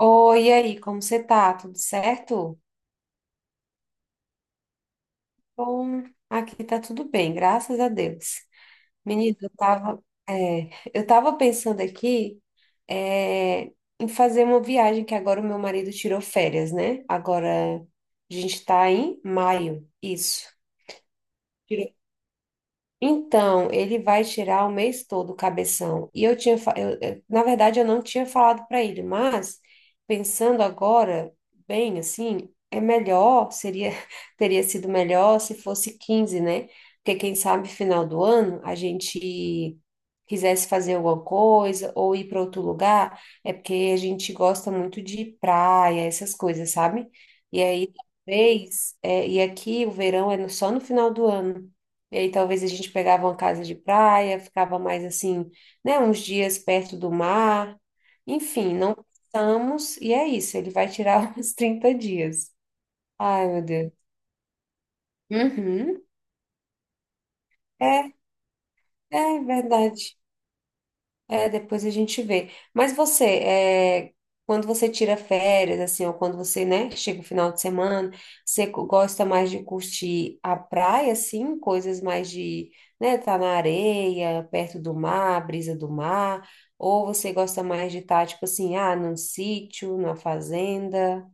Oi, e aí, como você tá? Tudo certo? Bom, aqui tá tudo bem, graças a Deus. Menino, eu tava, eu tava pensando aqui, é, em fazer uma viagem que agora o meu marido tirou férias, né? Agora a gente tá em maio, isso. Então, ele vai tirar o mês todo o cabeção. E eu tinha, na verdade, eu não tinha falado para ele, mas pensando agora, bem assim, é melhor, seria, teria sido melhor se fosse quinze, né? Porque quem sabe final do ano a gente quisesse fazer alguma coisa ou ir para outro lugar, é porque a gente gosta muito de praia, essas coisas, sabe? E aí, talvez, e aqui o verão é só no final do ano. E aí talvez a gente pegava uma casa de praia, ficava mais assim, né, uns dias perto do mar. Enfim, não pensamos, e é isso, ele vai tirar uns 30 dias. Ai, meu Deus. Uhum. É, é verdade. É, depois a gente vê. Mas você, é, quando você tira férias, assim, ou quando você, né, chega o final de semana, você gosta mais de curtir a praia, assim, coisas mais de, né, tá na areia, perto do mar, brisa do mar, ou você gosta mais de estar, tipo assim, ah, num sítio, numa fazenda?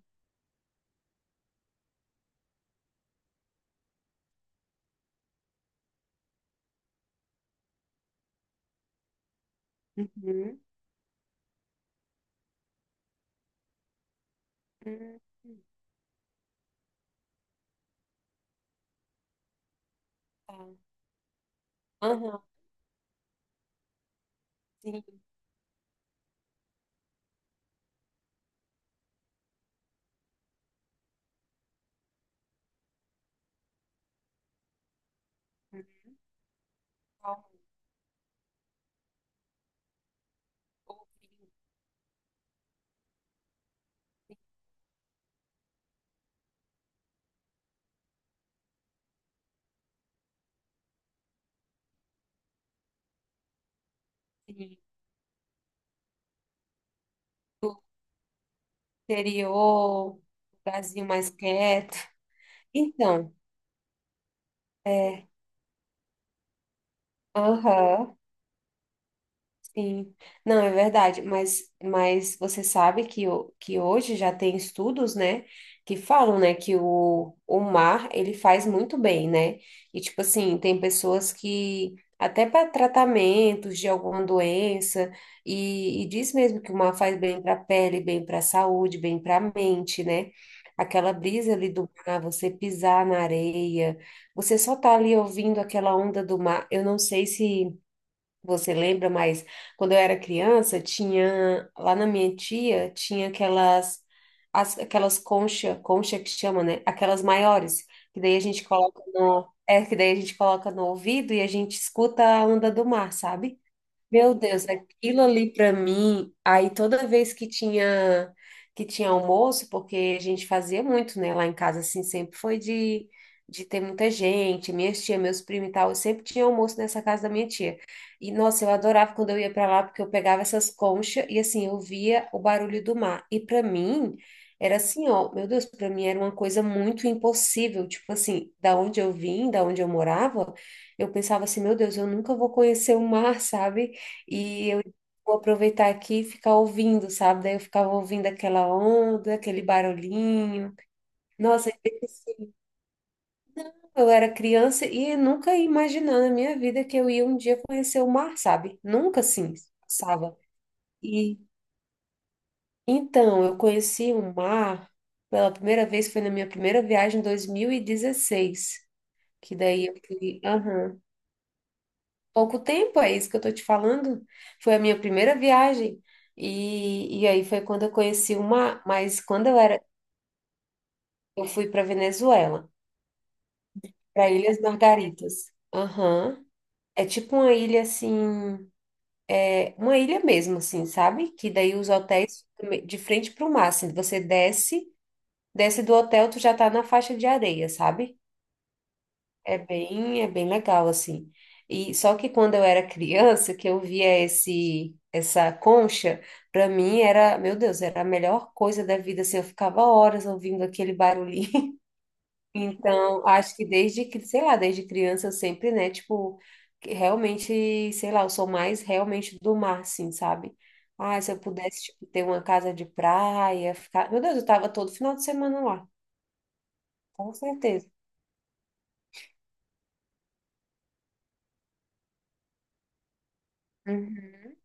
Uhum. Hum, tá. Aham, sim. Ou- ou- sim. Do interior, um lugarzinho mais quieto. Então, é, aham, sim. Não, é verdade, mas você sabe que, que hoje já tem estudos, né, que falam, né, que o mar, ele faz muito bem, né? E, tipo assim, tem pessoas que, até para tratamentos de alguma doença, e diz mesmo que o mar faz bem para a pele, bem para a saúde, bem para a mente, né? Aquela brisa ali do mar, você pisar na areia, você só tá ali ouvindo aquela onda do mar, eu não sei se você lembra, mas quando eu era criança, tinha lá na minha tia, tinha aquelas concha, concha que chama, né? Aquelas maiores, que daí a gente coloca no ouvido e a gente escuta a onda do mar, sabe? Meu Deus, aquilo ali para mim, aí toda vez que tinha almoço, porque a gente fazia muito, né, lá em casa assim, sempre foi de ter muita gente, minhas tia, meus primos e tal, eu sempre tinha almoço nessa casa da minha tia. E nossa, eu adorava quando eu ia para lá porque eu pegava essas conchas e assim, eu via o barulho do mar. E para mim era assim, ó, meu Deus, para mim era uma coisa muito impossível, tipo assim, da onde eu vim, da onde eu morava, eu pensava assim, meu Deus, eu nunca vou conhecer o mar, sabe? E eu vou aproveitar aqui e ficar ouvindo, sabe? Daí eu ficava ouvindo aquela onda, aquele barulhinho. Nossa, eu era criança e nunca ia imaginar na minha vida que eu ia um dia conhecer o mar, sabe? Nunca assim pensava. E então, eu conheci o mar pela primeira vez, foi na minha primeira viagem em 2016, que daí eu fui, aham, pouco tempo, é isso que eu tô te falando. Foi a minha primeira viagem. E aí foi quando eu conheci uma, mas quando eu era, eu fui para Venezuela, para Ilhas Margaritas. Aham. É tipo uma ilha assim, é uma ilha mesmo assim, sabe? Que daí os hotéis de frente para o mar, assim, você desce, desce do hotel, tu já tá na faixa de areia, sabe? É bem legal, assim. E só que quando eu era criança, que eu via essa concha, para mim era, meu Deus, era a melhor coisa da vida, assim, eu ficava horas ouvindo aquele barulhinho. Então, acho que desde, sei lá, desde criança eu sempre, né, tipo, que realmente, sei lá, eu sou mais realmente do mar, assim, sabe? Ah, se eu pudesse, tipo, ter uma casa de praia, ficar... Meu Deus, eu tava todo final de semana lá, com certeza. Uhum.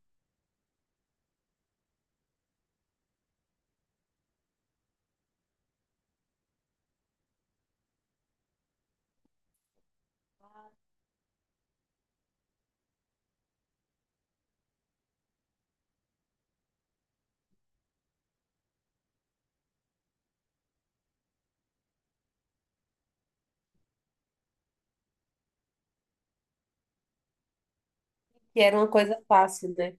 E era uma coisa fácil, né?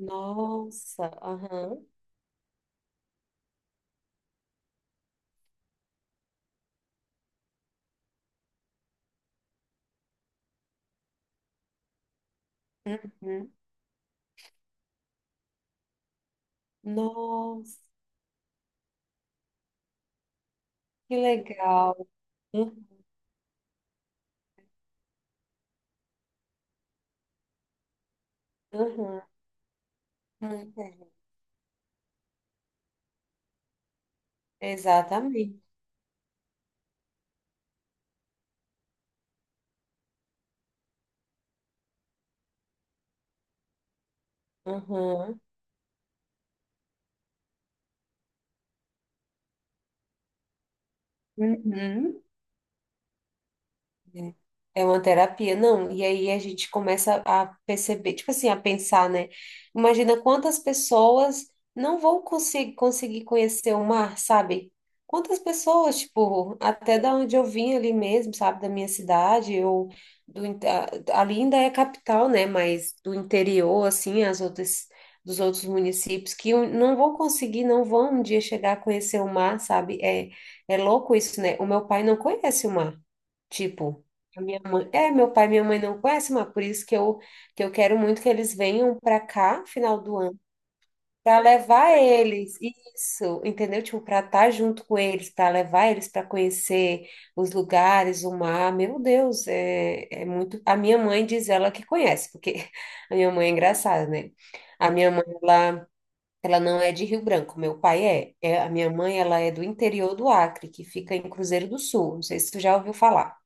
Nossa, aham. Uhum. Nossa, que legal. Uhum. Uhum. Exatamente. Uhum. Uhum. Né? É uma terapia, não. E aí a gente começa a perceber, tipo assim, a pensar, né? Imagina quantas pessoas não vão conseguir conhecer o mar, sabe? Quantas pessoas, tipo, até da onde eu vim ali mesmo, sabe? Da minha cidade, ou ali ainda é capital, né? Mas do interior, assim, as outras, dos outros municípios, que um, não vão conseguir, não vão um dia chegar a conhecer o mar, sabe? É, é louco isso, né? O meu pai não conhece o mar. Tipo, a minha mãe, é, meu pai e minha mãe não conhecem, mas por isso que eu quero muito que eles venham para cá, final do ano, para levar eles, isso, entendeu? Tipo, para estar junto com eles, para levar eles para conhecer os lugares, o mar. Meu Deus, é muito. A minha mãe diz ela que conhece, porque a minha mãe é engraçada, né? A minha mãe, ela. Ela não é de Rio Branco, meu pai é. É, a minha mãe, ela é do interior do Acre, que fica em Cruzeiro do Sul. Não sei se tu já ouviu falar.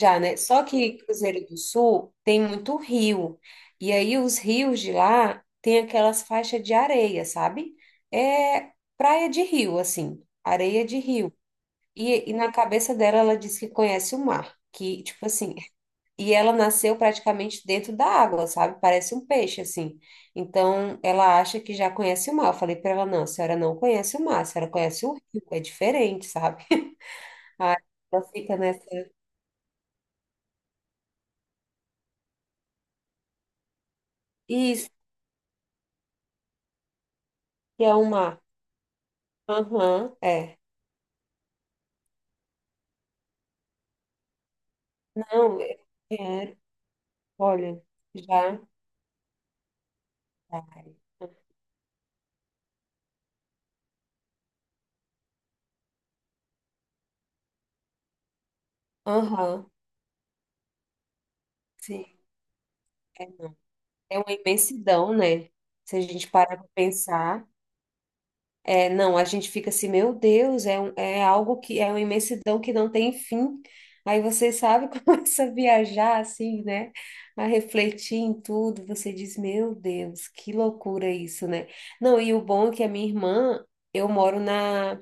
Já, né? Só que Cruzeiro do Sul tem muito rio. E aí os rios de lá tem aquelas faixas de areia, sabe? É praia de rio, assim, areia de rio. E na cabeça dela ela diz que conhece o mar, que tipo assim, e ela nasceu praticamente dentro da água, sabe? Parece um peixe assim. Então ela acha que já conhece o mar. Eu falei para ela, não, a senhora não conhece o mar, a senhora conhece o rio, é diferente, sabe? Aí ela fica nessa, isso que é o mar. Aham, é. Não, eu quero. Olha, já. Vai. Aham, sim. É, é uma imensidão, né? Se a gente parar para pensar. É, não, a gente fica assim, meu Deus, é algo que é uma imensidão que não tem fim. Aí você sabe, começa a viajar assim, né? A refletir em tudo, você diz, meu Deus, que loucura isso, né? Não, e o bom é que a minha irmã, eu moro na,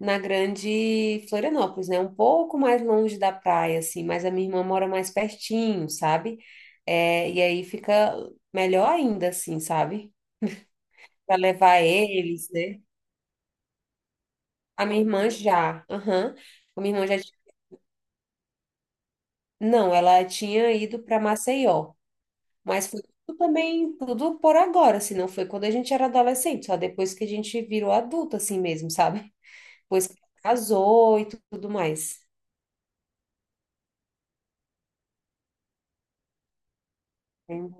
na grande Florianópolis, né? Um pouco mais longe da praia, assim, mas a minha irmã mora mais pertinho, sabe? É, e aí fica melhor ainda, assim, sabe? Para levar eles, né? A minha irmã já, aham. A minha irmã já, ti- não, ela tinha ido para Maceió, mas foi tudo também, tudo por agora, assim, não foi quando a gente era adolescente, só depois que a gente virou adulto, assim mesmo, sabe? Depois que casou e tudo mais. Hum,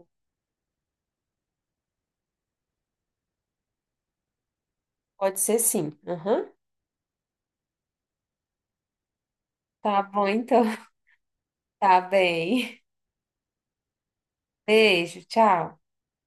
Pode ser sim, aham. Tá bom, então. Tá bem. Beijo, tchau.